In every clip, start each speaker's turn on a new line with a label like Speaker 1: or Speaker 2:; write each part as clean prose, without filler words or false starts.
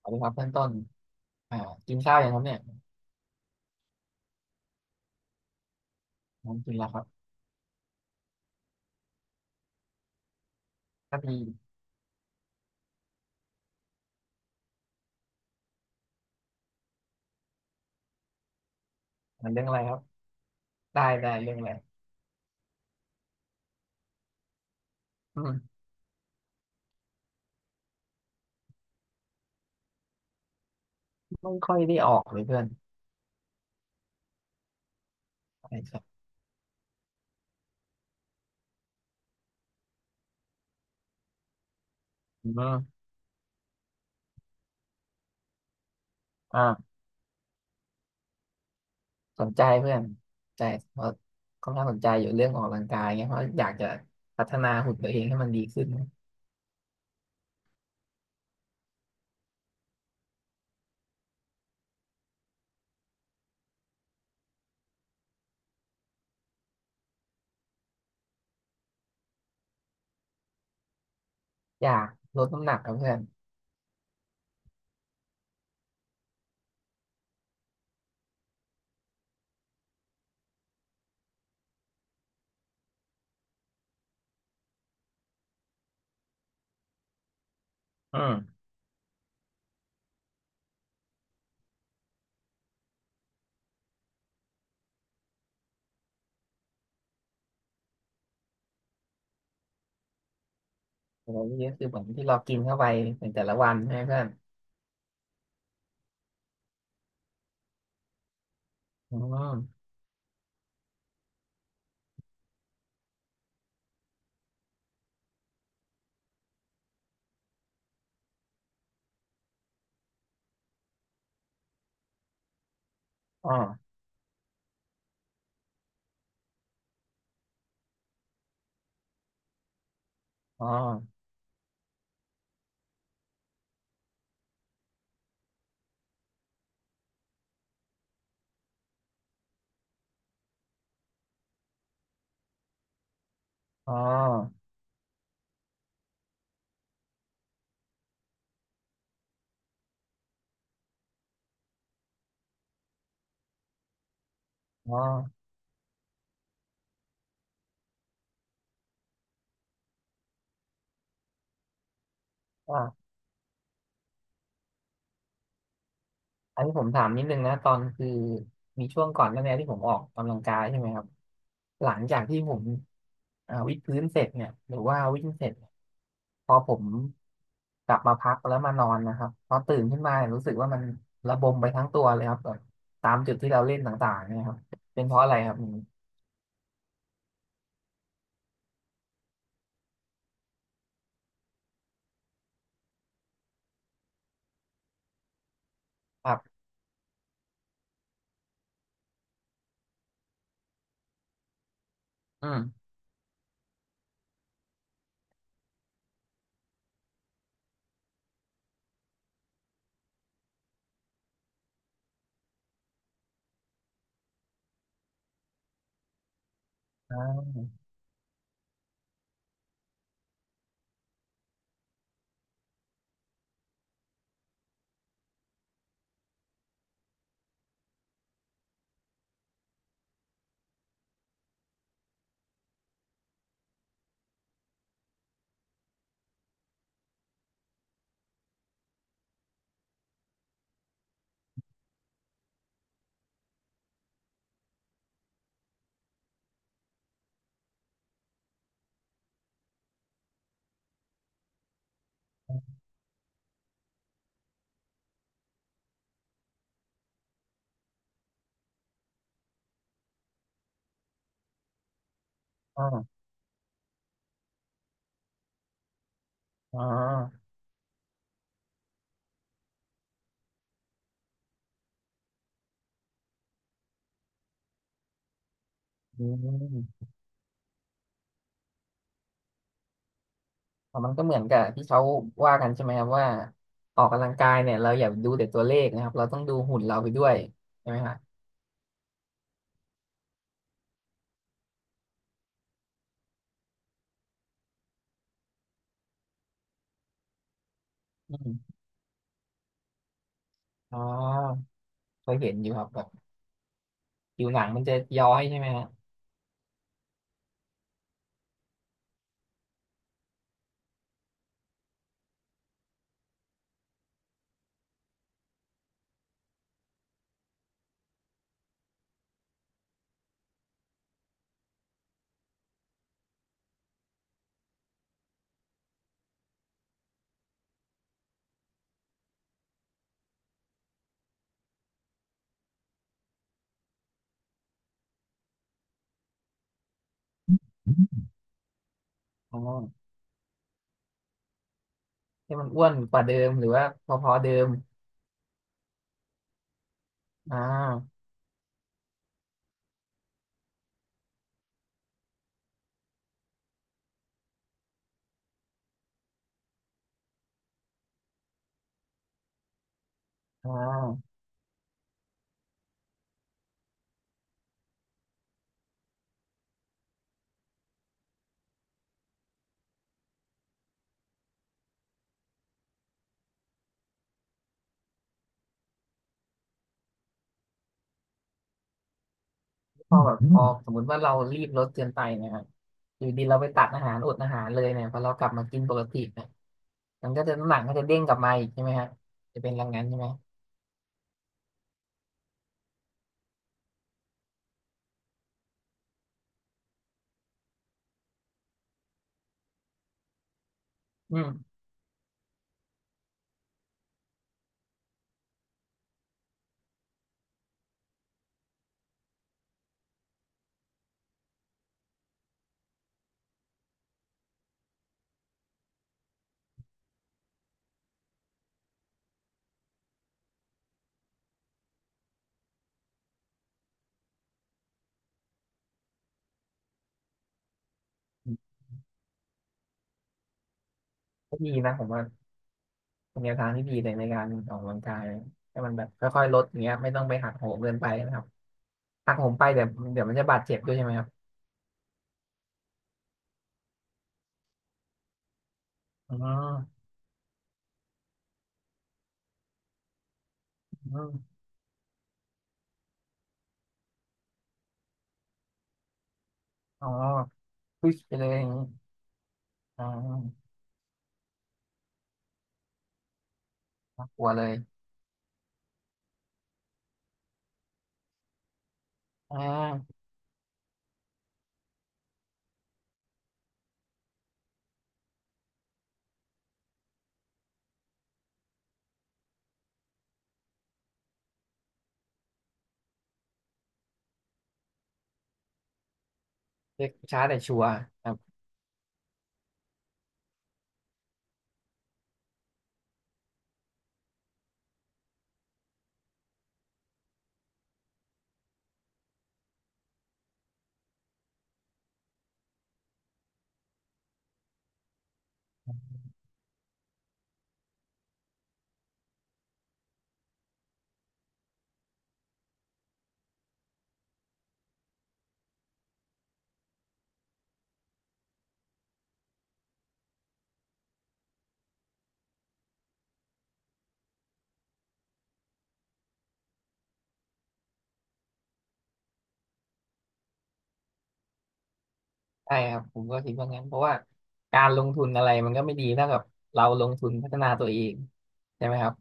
Speaker 1: สวัสดีครับเพื่อนต้นอ่ากินข้าวยังครับเนี่ยผมกินแล้วครับครับพี่มันเรื่องอะไรครับได้ได้เรื่องอะไรอืมไม่ค่อยได้ออกเลยเพื่อนใช่ครับอืมอ่าสนใจเพื่อนใจเพราะค่อนข้างสนใจอยู่เรื่องออกกำลังกายเงี้ยเพราะอยากจะพัฒนาหุ่นตัวเองให้มันดีขึ้นอยากลดน้ำหนักครับเพื่อนอืมแต่ว่านี่ก็คือเหมือนที่เรากินเข้าไปในแต่ละวันใช่ไหมเพื่อนอืมอ๋ออ๋ออ๋ออ๋ออ๋อ อันนี้ผมถามนิดนึงนะตอนคือมีช่วงก่อนหน้านี้ที่ผมออกกำลังกายใช่ไหมครับหลังจากที่ผมวิดพื้นเสร็จเนี่ยหรือว่าวิ่งเสร็จเนี่ยพอผมกลับมาพักแล้วมานอนนะครับพอตื่นขึ้นมาเนี่ยรู้สึกว่ามันระบมไปทั้งตัวเลยครับแบบตามจุดที่เราเล่นต่างๆเนี่ยครับเป็นเพราะอะไรครับอืมครับอืมอ่าอ่าอ่าอืม อ๋อมันก็เหมือนกับที่เขาว่ากันใช่ไหมครับว่าออกกำลังกายเนี่ยเราอย่าดูแต่ตัวเลขนะครับเราต้องดูหุ่นเราไปด้วยใช่ไหมครับอืมอ๋อเคยเห็นอยู่ครับแบบผิวหนังมันจะย้อยใช่ไหมฮะอ๋อให้มันอ้วนกว่าเดิมหรือว่าพอๆเดิมอ่าอ่าพอแบบพอสมมุติว่าเรารีบลดเกินไปเนะครับอยู่ดีเราไปตัดอาหารอดอาหารเลยเนี่ยพอเรากลับมากินปกติเนี่ยมันก็จะน้ำหนักก็จะเด้งกลับมาอีกใช่ไหมฮะจะเป็นอย่างนั้นใช่ไหมอืมก็ดีนะผมว่า เป็นแนวทางที่ดีเลยในการออกกำลังกายให้มันแบบค่อยๆลดอย่างเงี้ยไม่ต้องไปหักโหมเกินไปนะครับหักโหมไปเดี๋ยวเดี๋ยวมันจะบาดเจ็บด้วยใช่ไหมครับอ๋ออมอ๋อพุชไปเลยอย่างงี้อ๋อน่ากลัวเลยอ่าเช็คช้าแต่ชัวร์ครับใช่ครับผมก็คิดว่างั้นเพราะว่าการลงทุนอะไรมันก็ไม่ดีเท่ากับเราลงทุนพัฒนาตัวเองใช่ไหมครับ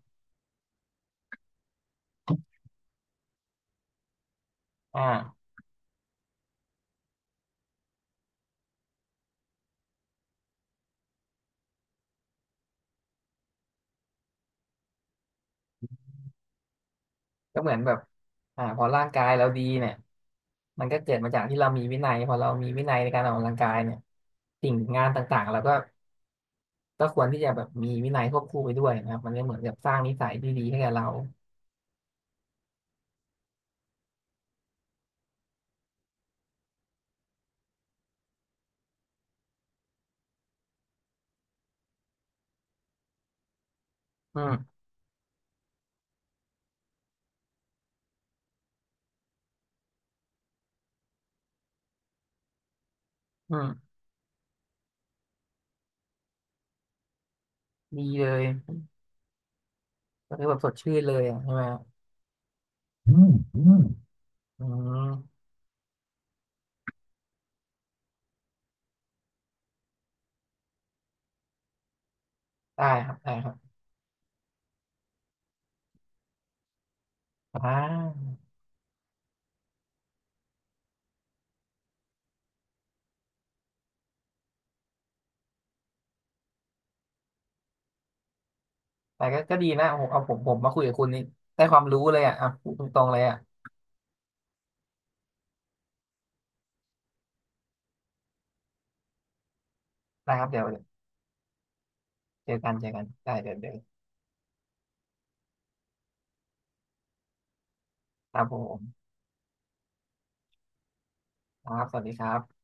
Speaker 1: อ่า ก็เหมือนแบบพอร่างกายเราดีเนี่ยมันก็เกิดมาจากที่เรามีวินัยพอเรามีวินัยในการออกกำลังกายเนี่ยสิ่งงานต่างๆเราก็ก็ควรที่จะแบบมีวินัยควบคู่ไปด้วยนะครับมันก็เหมือนกับสร้างนิสัยที่ดีให้กับเราอืมอืมดีเลยก็คือแบบสดชื่นเลยอะใช่ไหมครับอืมอืมอืมได้ครับได้ครับอ่าแต่ก็ก็ดีนะโอ้โหเอาผมมาคุยกับคุณนี่ได้ความรู้เลยอ่ะอ่ะพูดตรงๆเลยอ่ะได้ครับเดี๋ยวเจอกันเจอกันได้เดี๋ยวเดี๋ยวครับผมครับสวัสดีครับ